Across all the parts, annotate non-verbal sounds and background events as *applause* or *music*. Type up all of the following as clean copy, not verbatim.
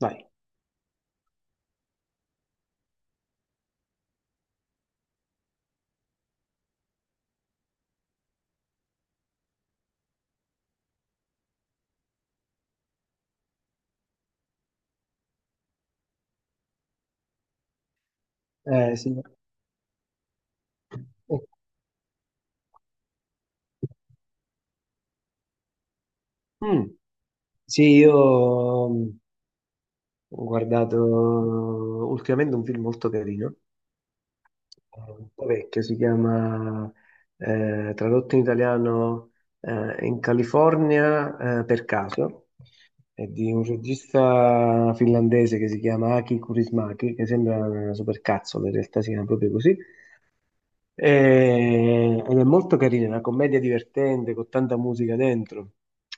Vai. Sì. Eh, mm. Sì, io ho guardato ultimamente un film molto carino, un po' vecchio, si chiama, tradotto in italiano, In California, per caso, è di un regista finlandese che si chiama Aki Kaurismäki, che sembra una supercazzola, in realtà si chiama proprio così. Ed è molto carina, è una commedia divertente con tanta musica dentro,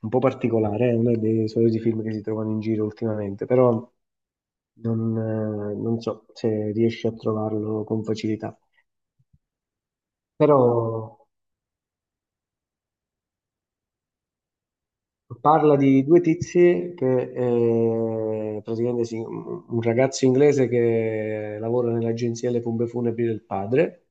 un po' particolare, è uno dei soliti film che si trovano in giro ultimamente, però non so se riesci a trovarlo con facilità. Però parla di due tizi che praticamente sì, un ragazzo inglese che lavora nell'agenzia delle pompe funebri del padre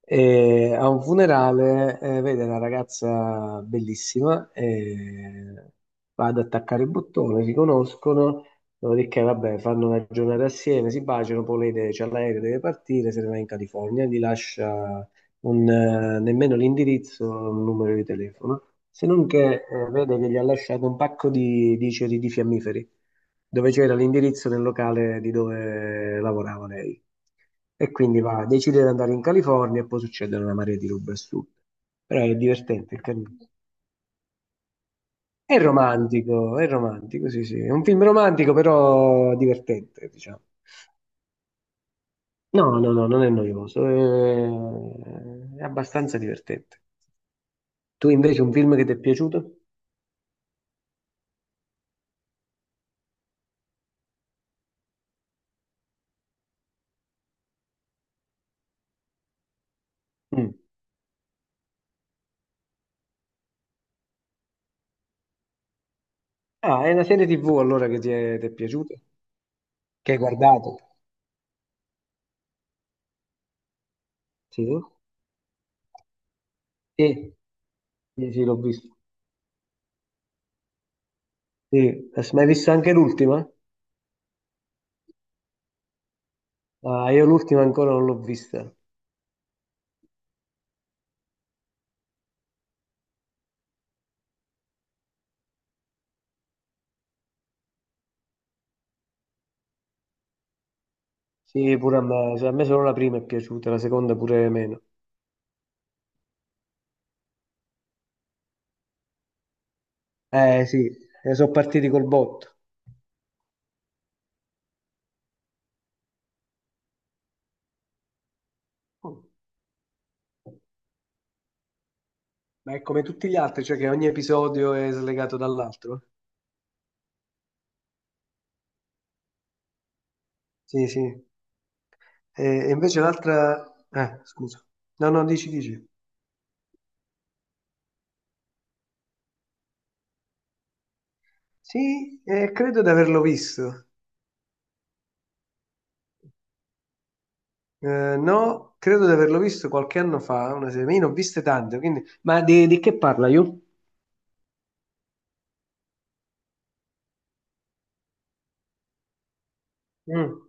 e a un funerale vede una ragazza bellissima e va ad attaccare il bottone, si conoscono. Dopodiché vabbè, fanno una giornata assieme, si baciano, poi lei c'ha l'aereo, deve partire, se ne va in California, gli lascia nemmeno l'indirizzo, un numero di telefono, se non che vedo che gli ha lasciato un pacco di ceri di fiammiferi, dove c'era l'indirizzo del locale di dove lavorava lei. E quindi va, decide di andare in California e poi succedono una marea di robe assurde. Però è divertente, è carino. È romantico, sì, sì. È un film romantico, però divertente, diciamo. No, no, no, non è noioso, è abbastanza divertente. Tu invece un film che ti è piaciuto? Mm. Ah, è una serie TV allora che ti è piaciuta? Che hai guardato? Sì. Sì, sì, sì, l'ho vista. Sì. Ma hai visto anche l'ultima? Ah, io l'ultima ancora non l'ho vista. Sì, pure a me, cioè, a me solo la prima è piaciuta, la seconda pure meno. Eh sì, sono partiti col botto. Mm. Ma è come tutti gli altri, cioè che ogni episodio è slegato dall'altro? Sì, sì. E invece l'altra... Scusa. No, no, dici, dici. Sì, credo di averlo visto. No, credo di averlo visto qualche anno fa, una serie. Ma io ne ho viste tante, quindi... Ma di che parla io? Mm.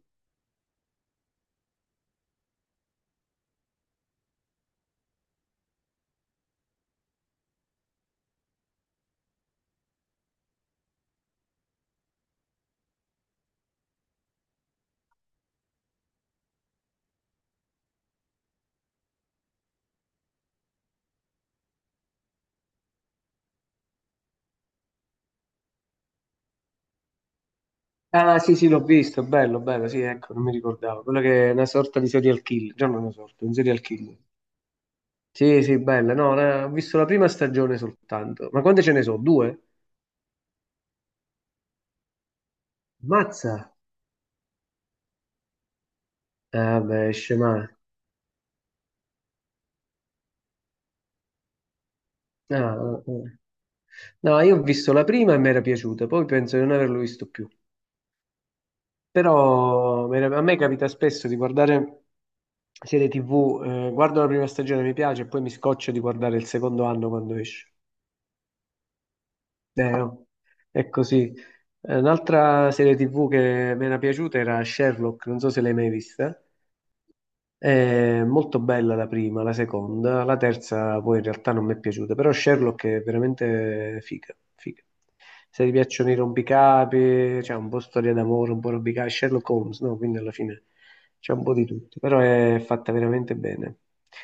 Ah, sì, sì, l'ho visto, bello, bello, sì, ecco, non mi ricordavo. Quello che è una sorta di serial killer, già non una sorta, un serial killer. Sì, sì, bella, no, ho visto la prima stagione soltanto. Ma quante ce ne sono? Due? Mazza! Ah, beh, scema. Ah, ah, ah. No, io ho visto la prima e mi era piaciuta, poi penso di non averlo visto più. Però a me capita spesso di guardare serie TV, guardo la prima stagione, mi piace, e poi mi scoccio di guardare il secondo anno quando esce. No. È così. Un'altra serie TV che mi era piaciuta era Sherlock, non so se l'hai mai vista. È molto bella la prima, la seconda, la terza poi in realtà non mi è piaciuta, però Sherlock è veramente figa, figa. Se ti piacciono i rompicapi, c'è un po' storia d'amore, un po' rompicapi, Sherlock Holmes, no? Quindi alla fine c'è un po' di tutto, però è fatta veramente bene.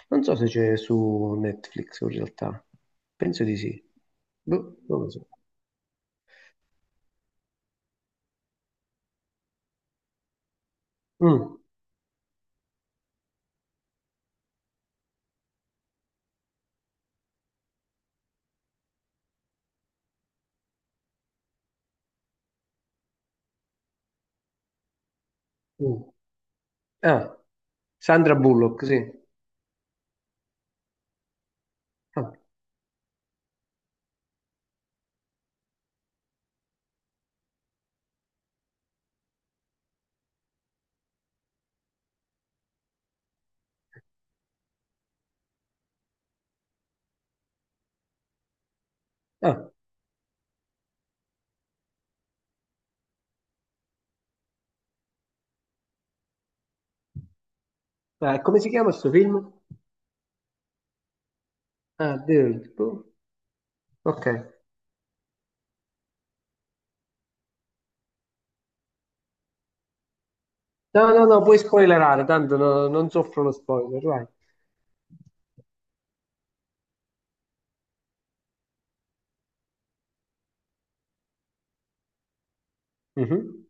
Non so se c'è su Netflix in realtà, penso di sì. Boh, non lo so. Mm, mm. Ah, Sandra Bullock, sì. Ah, ah. Ah, come si chiama questo film? Ah, Dirt. Boh. Ok. No, no, no, puoi spoilerare, tanto non soffro lo spoiler, vai. Mhm,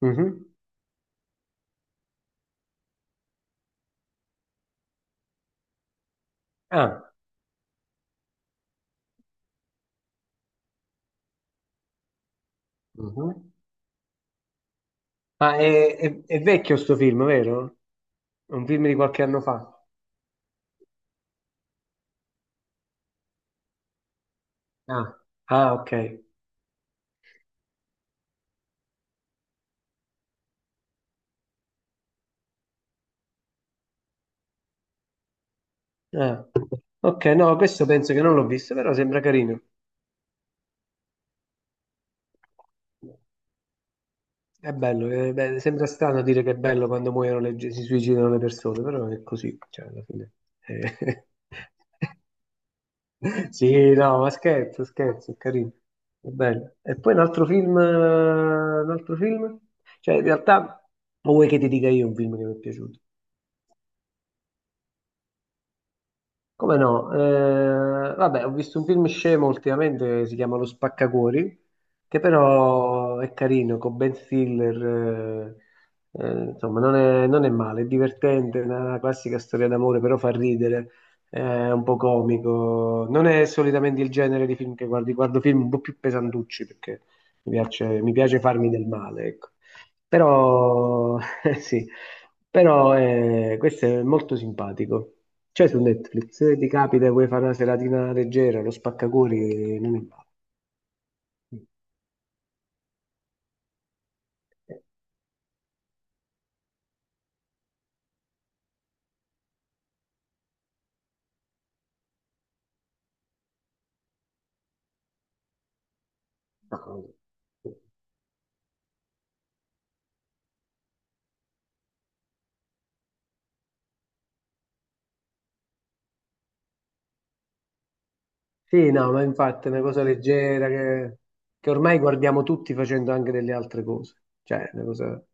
mhm. Ah, mhm. Ah, è vecchio sto film, vero? È un film di qualche anno fa. Ah, ah, ok. Ah. Ok, no, questo penso che non l'ho visto, però sembra carino. È bello, sembra strano dire che è bello quando muoiono le, si suicidano le persone, però è così, cioè, alla fine. Eh, *laughs* Sì, no, ma scherzo, scherzo, è carino, è bello. E poi un altro film, un altro film? Cioè, in realtà, o vuoi che ti dica io un film che mi è piaciuto? Come no? Vabbè, ho visto un film scemo ultimamente, si chiama Lo Spaccacuori, che però è carino, con Ben Stiller, insomma, non è male, è divertente, è una classica storia d'amore, però fa ridere, è un po' comico. Non è solitamente il genere di film che guardo film un po' più pesantucci, perché mi piace farmi del male, ecco. Però, *laughs* sì, però questo è molto simpatico. C'è su Netflix, se ti capita e vuoi fare una seratina leggera, lo spaccacori non è male. Eh, no. Sì, no, ma infatti è una cosa leggera che ormai guardiamo tutti facendo anche delle altre cose. Cioè, è una cosa...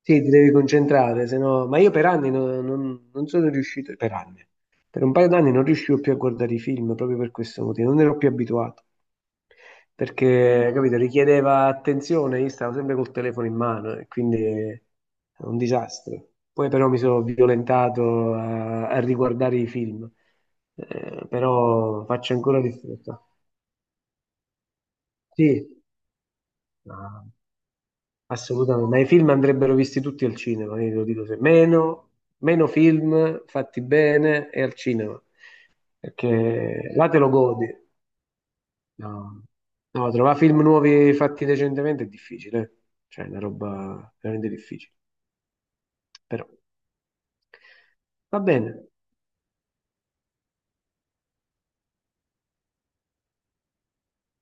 Sì, ti devi concentrare, se no... Ma io per anni non sono riuscito, per anni, per un paio d'anni non riuscivo più a guardare i film proprio per questo motivo, non ero più abituato, perché, capito, richiedeva attenzione, io stavo sempre col telefono in mano e quindi è un disastro. Poi però mi sono violentato a riguardare i film. Però faccio ancora difficoltà. Sì, ma- assolutamente, ma i film andrebbero visti tutti al cinema, io te lo dico sempre. Meno film fatti bene e al cinema, perché là te lo godi. No, no, trovare film nuovi fatti recentemente è difficile, eh, cioè è una roba veramente difficile, però va bene,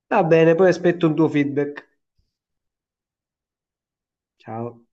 va bene, poi aspetto un tuo feedback. Ciao.